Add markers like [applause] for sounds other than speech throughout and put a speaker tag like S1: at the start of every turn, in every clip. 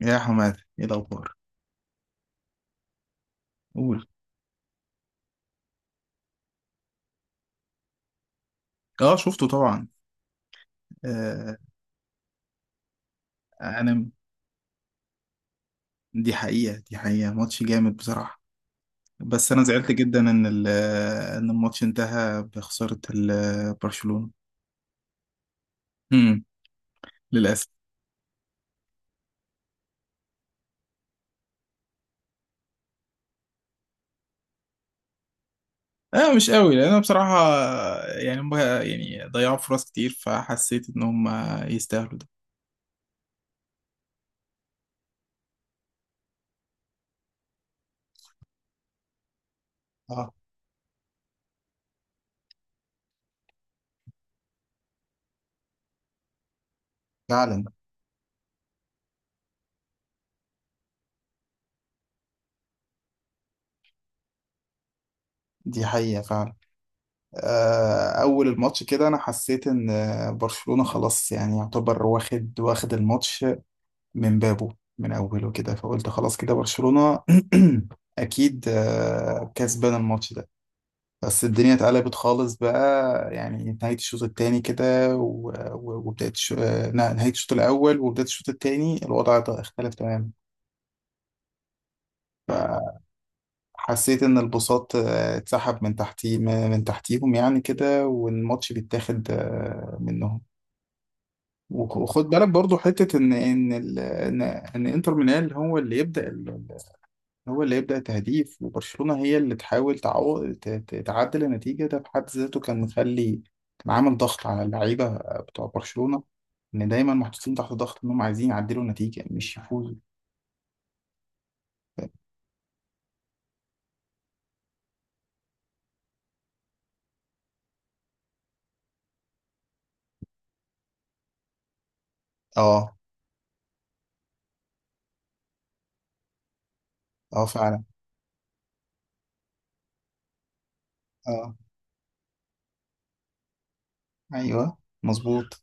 S1: يا حماد ايه الاخبار؟ قول. اه شفته طبعا. آه انا دي حقيقة دي حقيقة ماتش جامد بصراحة. بس انا زعلت جدا ان الماتش انتهى بخسارة برشلونة. امم للاسف. اه مش قوي لان انا بصراحة، يعني هم يعني ضيعوا فرص كتير فحسيت ان هم يستاهلوا ده. اه فعلا، دي حقيقة فعلا. أول الماتش كده أنا حسيت إن برشلونة خلاص يعني يعتبر واخد الماتش من بابه، من أوله كده، فقلت خلاص كده برشلونة [clears throat] أكيد كسبان الماتش ده. بس الدنيا اتقلبت خالص بقى، يعني نهاية الشوط التاني كده وبداية الش- آه، نهاية الشوط الأول وبداية الشوط التاني الوضع اختلف تماما. حسيت ان البساط اتسحب من تحتيهم يعني كده، والماتش بيتاخد منهم. وخد بالك برضو حتة ان ان ال- ان ان انتر ميلان هو اللي يبدأ، هو اللي يبدأ تهديف، وبرشلونة هي اللي تحاول تعدل النتيجة. ده في حد ذاته كان كان عامل ضغط على اللعيبة بتوع برشلونة، إن دايما محطوطين تحت ضغط إنهم عايزين يعدلوا النتيجة مش يفوزوا. اه اه فعلا. اه ايوه مظبوط.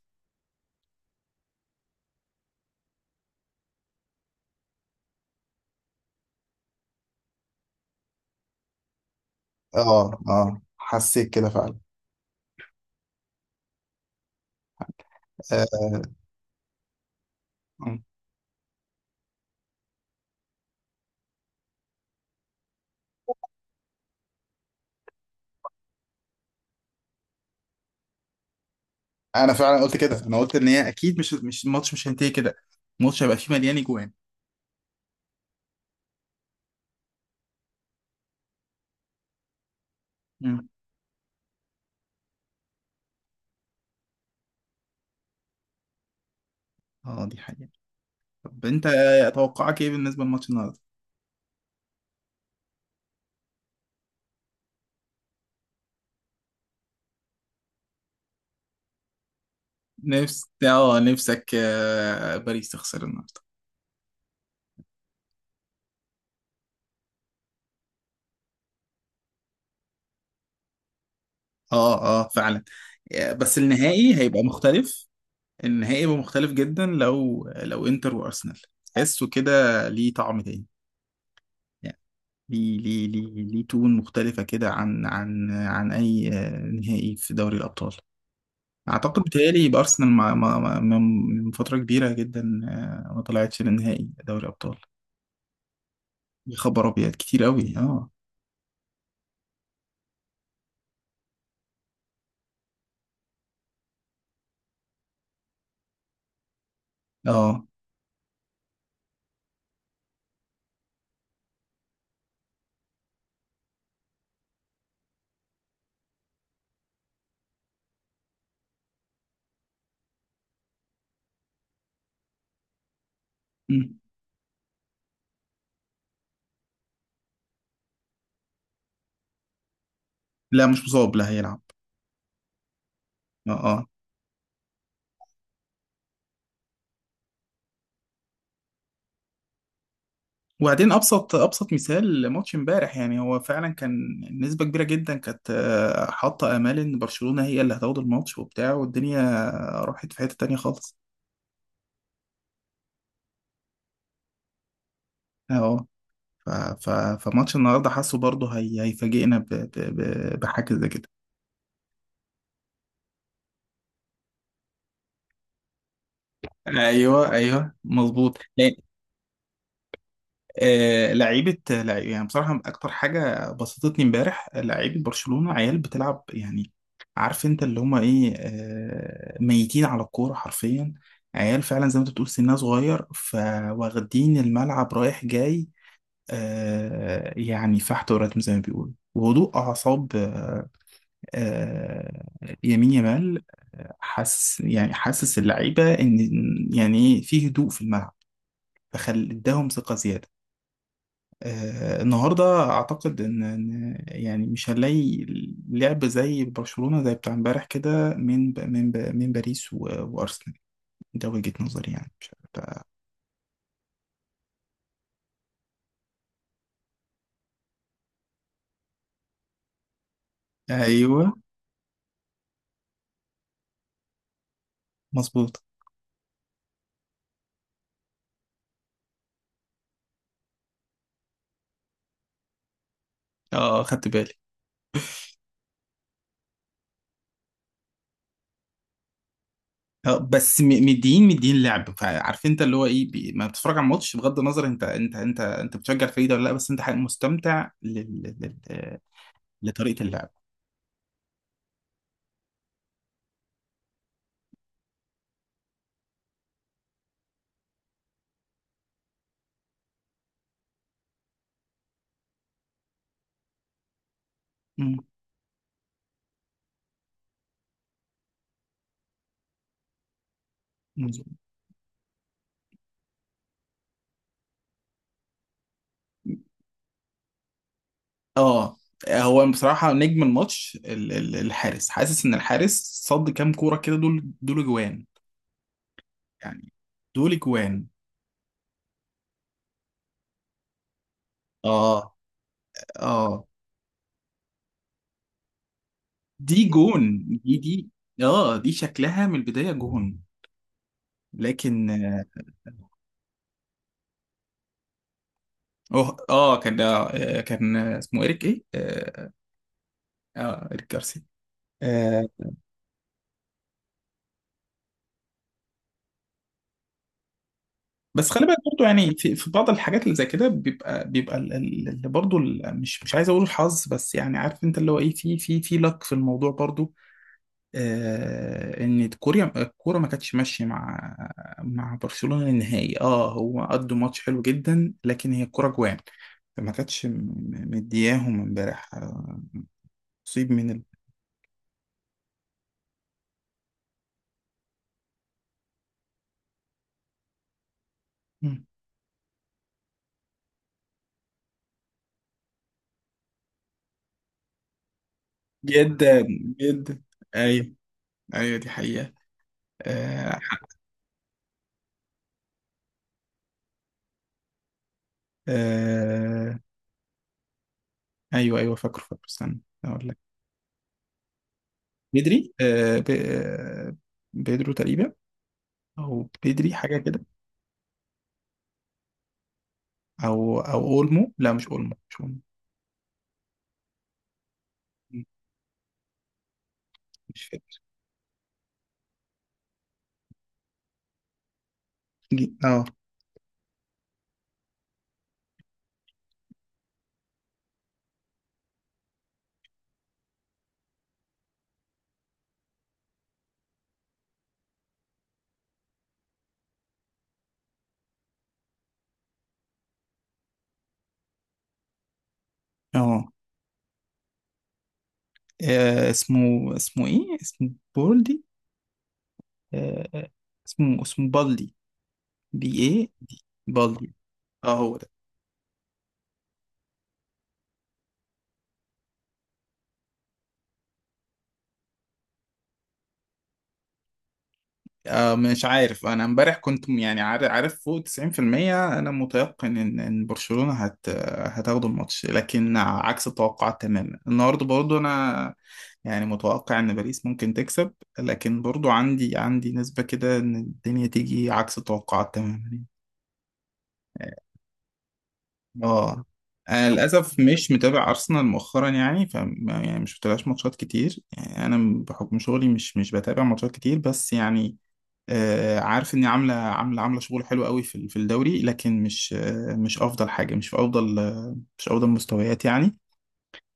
S1: اه اه حسيت كده فعلا. آه. م. انا فعلا قلت كده، انا قلت ان هي اكيد مش الماتش مش هينتهي كده، الماتش هيبقى فيه مليان اجوان. م. اه دي حقيقة. طب انت توقعك ايه بالنسبة للماتش النهارده؟ نفس، اه نفسك باريس تخسر النهارده؟ اه اه فعلا. بس النهائي هيبقى مختلف. النهائي هيبقى مختلف جدا لو انتر وارسنال. تحسه كده، ليه طعم تاني. يعني ليه تون مختلفة كده عن أي نهائي في دوري الأبطال. أعتقد بيتهيألي يبقى أرسنال من فترة كبيرة جدا ما طلعتش للنهائي دوري الأبطال. يا خبر أبيض، كتير أوي اه. اه مم. لا مش مصاب، لا هيلعب. اه آه. وبعدين ابسط مثال ماتش امبارح، يعني هو فعلا كان نسبه كبيره جدا كانت حاطه امال ان برشلونه هي اللي هتاخد الماتش وبتاع، والدنيا راحت في حته تانية خالص. اه ف- ف- فماتش النهارده حاسه برضه هي هيفاجئنا بحاجه زي كده. ايوه ايوه مظبوط. يعني بصراحة أكتر حاجة بسطتني امبارح لعيبة برشلونة، عيال بتلعب، يعني عارف أنت اللي هما إيه ميتين على الكورة حرفيا. عيال فعلا زي ما أنت بتقول سنها صغير، فواخدين الملعب رايح جاي. يعني فحت وراتم زي ما بيقولوا، وهدوء أعصاب. آه، يمين يمال. حاسس، يعني حاسس اللعيبة إن يعني إيه في هدوء في الملعب، فخل اداهم ثقة زيادة. النهارده اعتقد إن يعني مش هنلاقي لعب زي برشلونة زي بتاع امبارح كده من باريس وارسنال. ده وجهة نظري، يعني مش عارف. ايوه مظبوط. اه خدت بالي. اه بس مدين لعب. فعارف انت اللي هو ايه ما بتتفرج على الماتش بغض النظر انت بتشجع الفريق ده ولا لا، بس انت حقيقة مستمتع لطريقة اللعب. مم. مظبوط. اه هو بصراحة نجم الماتش الحارس. حاسس ان الحارس صد كام كورة كده، دول دول جوان يعني، دول جوان. اه اه، دي جون، دي دي اه دي شكلها من البداية جون. لكن اه اه كان آه كان اسمه اريك ايه اه, آه اريك جارسيا. آه بس خلي بالك برضه يعني في, في بعض الحاجات اللي زي كده بيبقى مش مش عايز اقول الحظ، بس يعني عارف انت اللي هو ايه في لك في الموضوع برضه. ان كوريا الكوره ما كانتش ماشيه مع برشلونه النهائي. اه هو قدوا ماتش حلو جدا، لكن هي الكوره جوان ما كانتش مدياهم امبارح. نصيب من ال... مم. جدا جدا. ايوه ايوه دي حقيقه. آه ح- آه ايوه ايوه فاكره، استنى اقول لك. بدري آه ب... آه، بيدرو تقريبا، او بدري حاجه كده. او او اولمو، لا مش اولمو، مش اولمو. مش فاكر. اه اه آه اسمه اسمه ايه اسمه بولدي. آه اسمه بالدي. بي ايه دي، بالدي. اه هو ده. آه مش عارف، انا امبارح كنت يعني عارف فوق 90% انا متيقن ان برشلونة هتاخد الماتش. لكن عكس التوقعات تماما. النهارده برضو انا يعني متوقع ان باريس ممكن تكسب، لكن برضو عندي نسبة كده ان الدنيا تيجي عكس التوقعات تماما. اه. انا للاسف مش متابع ارسنال مؤخرا يعني، ف يعني مش متابعش ماتشات كتير يعني، انا بحكم شغلي مش بتابع ماتشات كتير. بس يعني آه عارف اني عامله شغل حلو قوي في في الدوري، لكن مش آه مش افضل حاجه، مش في افضل آه مش افضل مستويات يعني.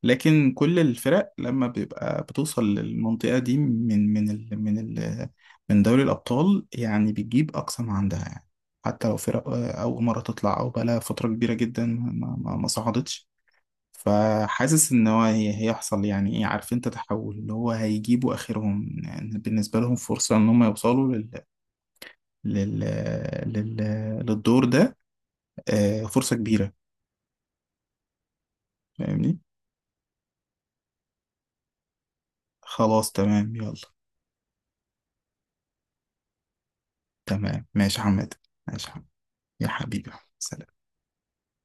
S1: لكن كل الفرق لما بيبقى بتوصل للمنطقة دي من من ال من ال من دوري الأبطال يعني بتجيب أقصى ما عندها يعني. حتى لو فرق أول مرة تطلع، أو بقالها فترة كبيرة جدا ما صعدتش. فحاسس إن هيحصل يعني إيه، عارف أنت تحول اللي هو هيجيبوا آخرهم يعني، بالنسبة لهم فرصة إن هم يوصلوا لل لل لل للدور ده فرصة كبيرة. فاهمني. خلاص تمام يلا. تمام ماشي يا حماد. ماشي يا حماد. يا حبيبي. سلام.